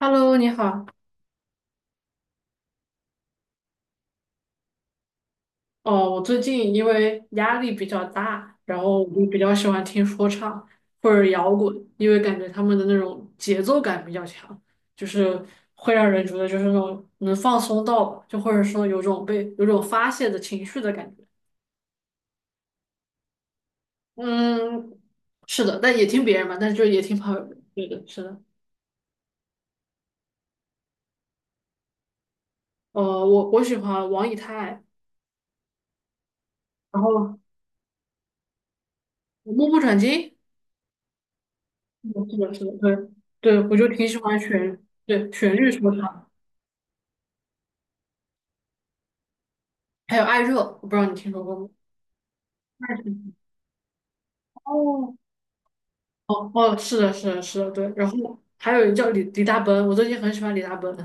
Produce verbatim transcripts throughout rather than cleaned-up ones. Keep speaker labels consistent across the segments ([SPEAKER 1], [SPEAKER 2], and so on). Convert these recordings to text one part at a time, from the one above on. [SPEAKER 1] Hello，你好。哦，我最近因为压力比较大，然后我就比较喜欢听说唱或者摇滚，因为感觉他们的那种节奏感比较强，就是会让人觉得就是那种能放松到吧就或者说有种被有种发泄的情绪的感觉。嗯，是的，但也听别人嘛，但是就也听朋友的。对的，是的。呃，我我喜欢王以太，然后目不转睛。嗯，是的，是的，对对，我就挺喜欢旋对旋律说唱。还有艾热，我不知道你听说过吗？艾热哦哦哦，是的，是的，是的，对。然后还有一个叫李李大奔，我最近很喜欢李大奔。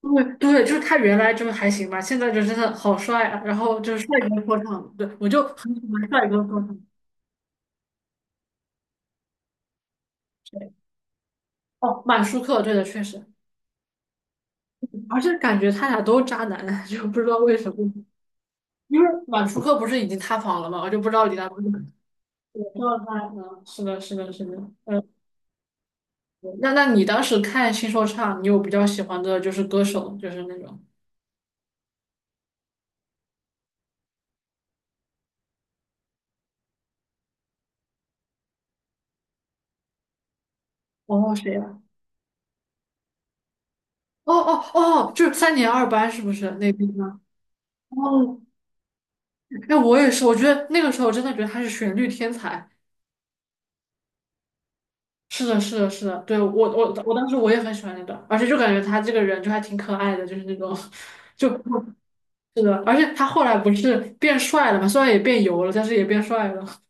[SPEAKER 1] 对对，就是他原来就是还行吧，现在就真的好帅啊！然后就是帅哥说唱，对，我就很喜欢帅哥说唱。哦，满舒克，对的，确实，而且感觉他俩都渣男，就不知道为什么。因为满舒克不是已经塌房了吗？我就不知道李大奔怎么做他。嗯，是的，是的，是的，嗯。那那你当时看新说唱，你有比较喜欢的就是歌手，就是那种哦谁呀、哦哦哦，就是三年二班是不是那个吗？哦，哎，我也是，我觉得那个时候真的觉得他是旋律天才。是的，是的，是的，对我我我当时我也很喜欢那段，而且就感觉他这个人就还挺可爱的，就是那种 就是的，而且他后来不是变帅了嘛，虽然也变油了，但是也变帅了。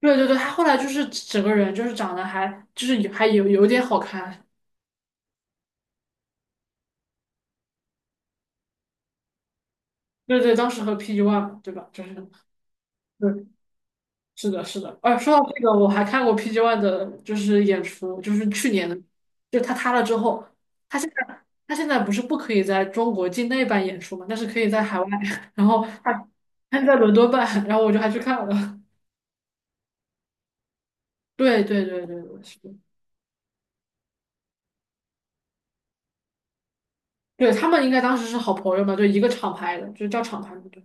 [SPEAKER 1] 对对对，他后来就是整个人就是长得还，就是还有有点好看。对对，当时和 P G One 嘛，对吧？就是，对，是的，是的。哎，说到这个，我还看过 P G One 的，就是演出，就是去年的，就他塌了之后，他现在他现在不是不可以在中国境内办演出嘛，但是可以在海外，然后他他在伦敦办，然后我就还去看了。对对对对对，是的，对他们应该当时是好朋友嘛，就一个厂牌的，就是叫厂牌嘛，对，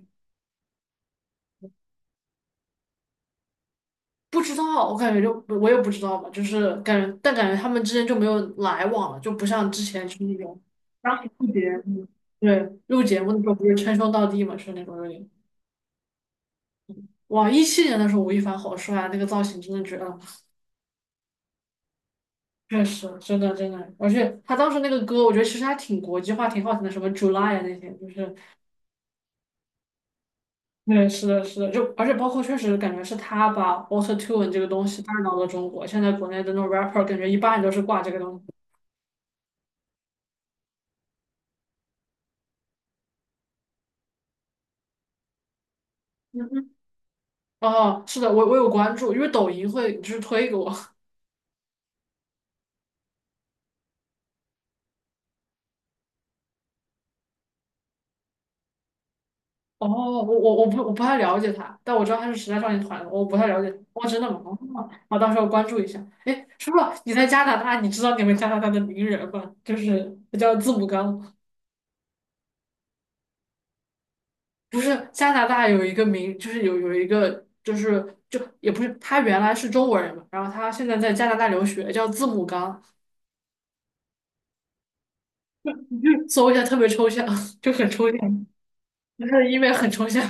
[SPEAKER 1] 不知道，我感觉就我也不知道吧，就是感觉，但感觉他们之间就没有来往了，就不像之前就是那种当时录节目，对，录节目的时候不是称兄道弟嘛，是那种有点。哇，一七年的时候吴亦凡好帅啊，那个造型真的绝了，确实，真的真的，而且他当时那个歌，我觉得其实还挺国际化，挺好听的，什么 July 啊那些，就是对，是的，是的，就而且包括确实感觉是他把 Auto Tune 这个东西带到了中国，现在国内的那种 rapper 感觉一般都是挂这个东西。哦，是的，我我有关注，因为抖音会就是推给我。哦，我我我不我不太了解他，但我知道他是时代少年团的，我不太了解他。哦真的吗？哦好，我到时候关注一下。哎，叔叔，你在加拿大，你知道你们加拿大的名人吗？就是他叫字母刚，不是加拿大有一个名，就是有有一个就是就也不是，他原来是中国人嘛，然后他现在在加拿大留学，叫字母刚，你去搜一下，特别抽象，就很抽象，就是因为很抽象。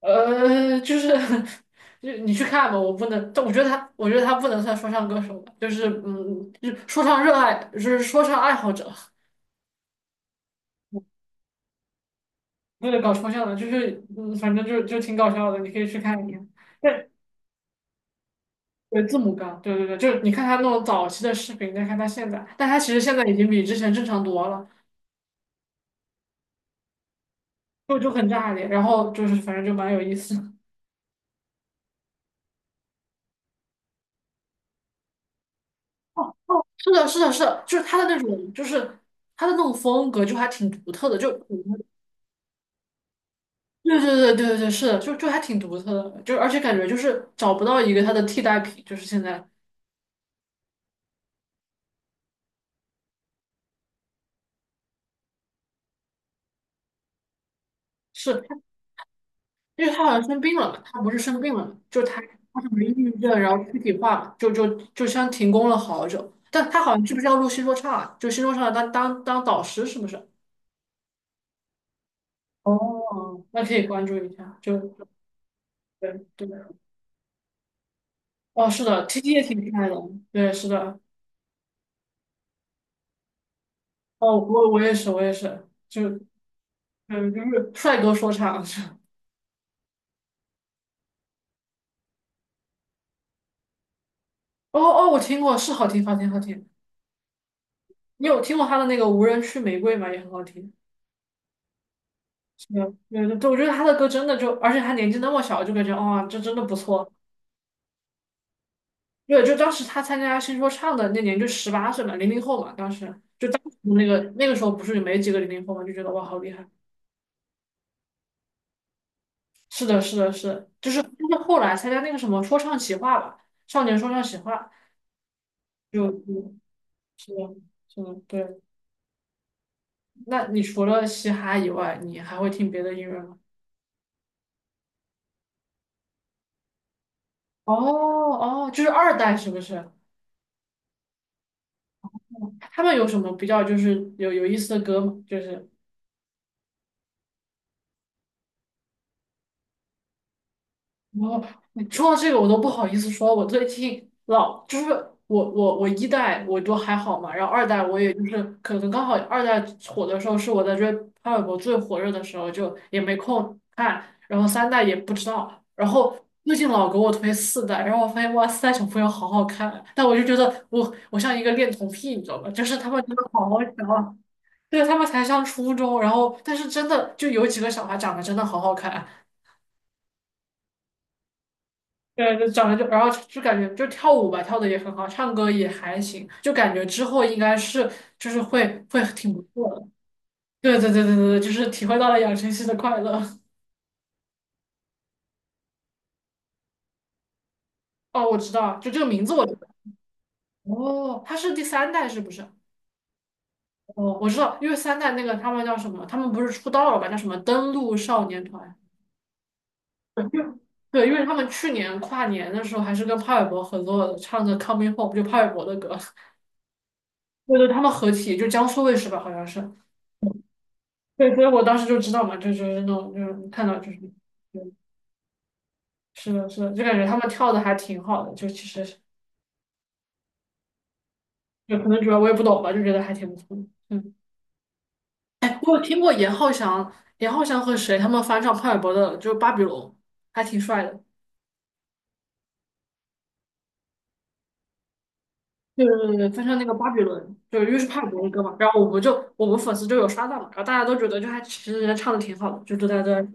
[SPEAKER 1] 呃，就是 就你去看吧，我不能，但我觉得他，我觉得他不能算说唱歌手吧，就是嗯，就是说唱热爱，就是说唱爱好者，为了搞抽象的，就是嗯，反正就就挺搞笑的，你可以去看一看。对，对字母哥，对对对，就是你看他那种早期的视频，再看他现在，但他其实现在已经比之前正常多了，就就很炸裂，然后就是反正就蛮有意思的。是的，是的，是的，就是他的那种，就是他的那种风格，就还挺独特的，就。对对对对对，是的，就就还挺独特的，就而且感觉就是找不到一个他的替代品，就是现在是，因为他好像生病了嘛，他不是生病了嘛，就他他是没抑郁症，然后躯体化嘛，就就就像停工了好久，但他好像是不是要录新说唱啊？就新说唱当当当导师是不是？哦，那可以关注一下，就对对，哦，是的，T T 也挺帅的，对，是的，哦，我我也是，我也是，就嗯就是帅哥说唱，哦哦，我听过，是好听好听好听。你有听过他的那个《无人区玫瑰》吗？也很好听。是的，对对对，我觉得他的歌真的就，而且他年纪那么小，就感觉哇、这真的不错。对，就当时他参加新说唱的那年，就十八岁嘛，零零后嘛，当时就当时那个那个时候不是没几个零零后嘛，就觉得哇，好厉害。是的，是的，是的，就是，但是后来参加那个什么说唱企划吧，少年说唱企划，就嗯，是的，是的，对。那你除了嘻哈以外，你还会听别的音乐吗？哦哦，就是二代是不是？他们有什么比较就是有有意思的歌吗？就是我，你说到这个我都不好意思说，我最近老就是，我我我一代我都还好嘛，然后二代我也就是可能刚好二代火的时候是我在追潘玮柏最火热的时候，就也没空看，然后三代也不知道，然后最近老给我推四代，然后我发现哇四代小朋友好好看啊，但我就觉得我我像一个恋童癖，你知道吧？就是他们真的好好笑啊。对，他们才上初中，然后但是真的就有几个小孩长得真的好好看，对，就长得就然后就感觉就跳舞吧，跳的也很好，唱歌也还行，就感觉之后应该是就是会会挺不错的。对对对对对，就是体会到了养成系的快乐。哦，我知道，就这个名字我知道，哦，他是第三代是不是？哦，我知道，因为三代那个他们叫什么？他们不是出道了吧？叫什么登陆少年团？对，因为他们去年跨年的时候还是跟潘玮柏合作的，唱的《Coming Home》,就潘玮柏的歌。对对，他们合体，就江苏卫视吧，好像是。对，所以我当时就知道嘛，就就是那种就是看到就是，对，是的，是的，就感觉他们跳的还挺好的，就其实，就可能主要我也不懂吧，就觉得还挺不错的。嗯，哎，我有听过严浩翔，严浩翔和谁他们翻唱潘玮柏的，就是《巴比伦》，还挺帅的。对对对，对翻唱那个《巴比伦》，就是因为是潘玮柏的歌嘛，然后我们就我们粉丝就有刷到嘛，然后大家都觉得就还其实人家唱的挺好的，就都在在。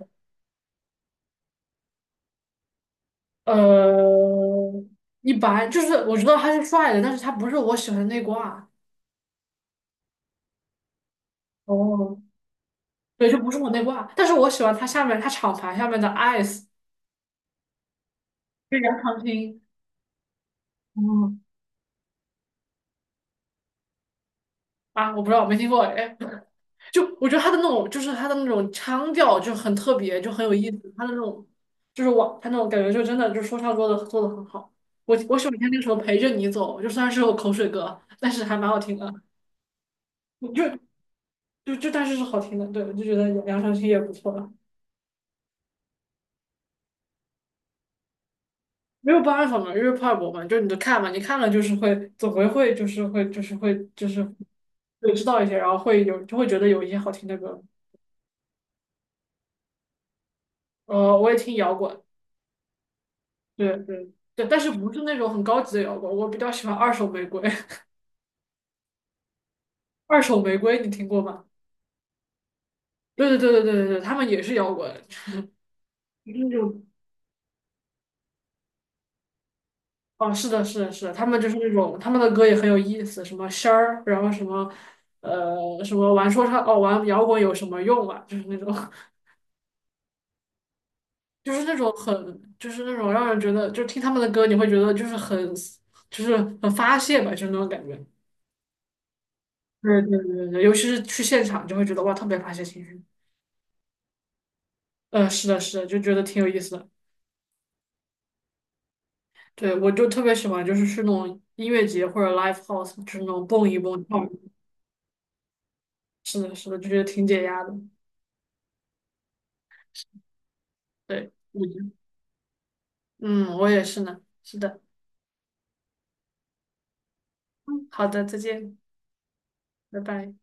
[SPEAKER 1] 呃，一般，就是我知道他是帅的，但是他不是我喜欢的内挂。哦，对，就不是我内挂，但是我喜欢他下面他厂牌下面的 Ice, 就杨长青。嗯，啊，我不知道，我没听过哎。就我觉得他的那种，就是他的那种腔调就很特别，就很有意思。他的那种，就是我他那种感觉，就真的就说唱做的做的很好。我我喜欢听那首《陪着你走》，就虽然是首口水歌，但是还蛮好听的。就就就但是是好听的，对，我就觉得杨杨长青也不错。没有办法嘛，因为怕我们就你就看嘛，你看了就是会，总归会就是会就是会就是会知道一些，然后会有，就会觉得有一些好听的歌。呃，我也听摇滚，对对对，但是不是那种很高级的摇滚，我比较喜欢二手玫瑰。二手玫瑰你听过吗？对对对对对对对，他们也是摇滚，就是那种，哦，是的，是的，是的，他们就是那种，他们的歌也很有意思，什么仙儿，然后什么呃什么玩说唱哦玩摇滚有什么用啊，就是那种。就是那种很，就是那种让人觉得，就听他们的歌，你会觉得就是很，就是很发泄吧，就是那种感觉。对对对对，尤其是去现场，就会觉得哇，特别发泄情绪。呃，是的，是的，就觉得挺有意思的。对，我就特别喜欢，就是去那种音乐节或者 live house,就是那种蹦一蹦跳一跳，是的，是的，就觉得挺解压的。对，我觉得，嗯，我也是呢。是的，好的，再见，拜拜。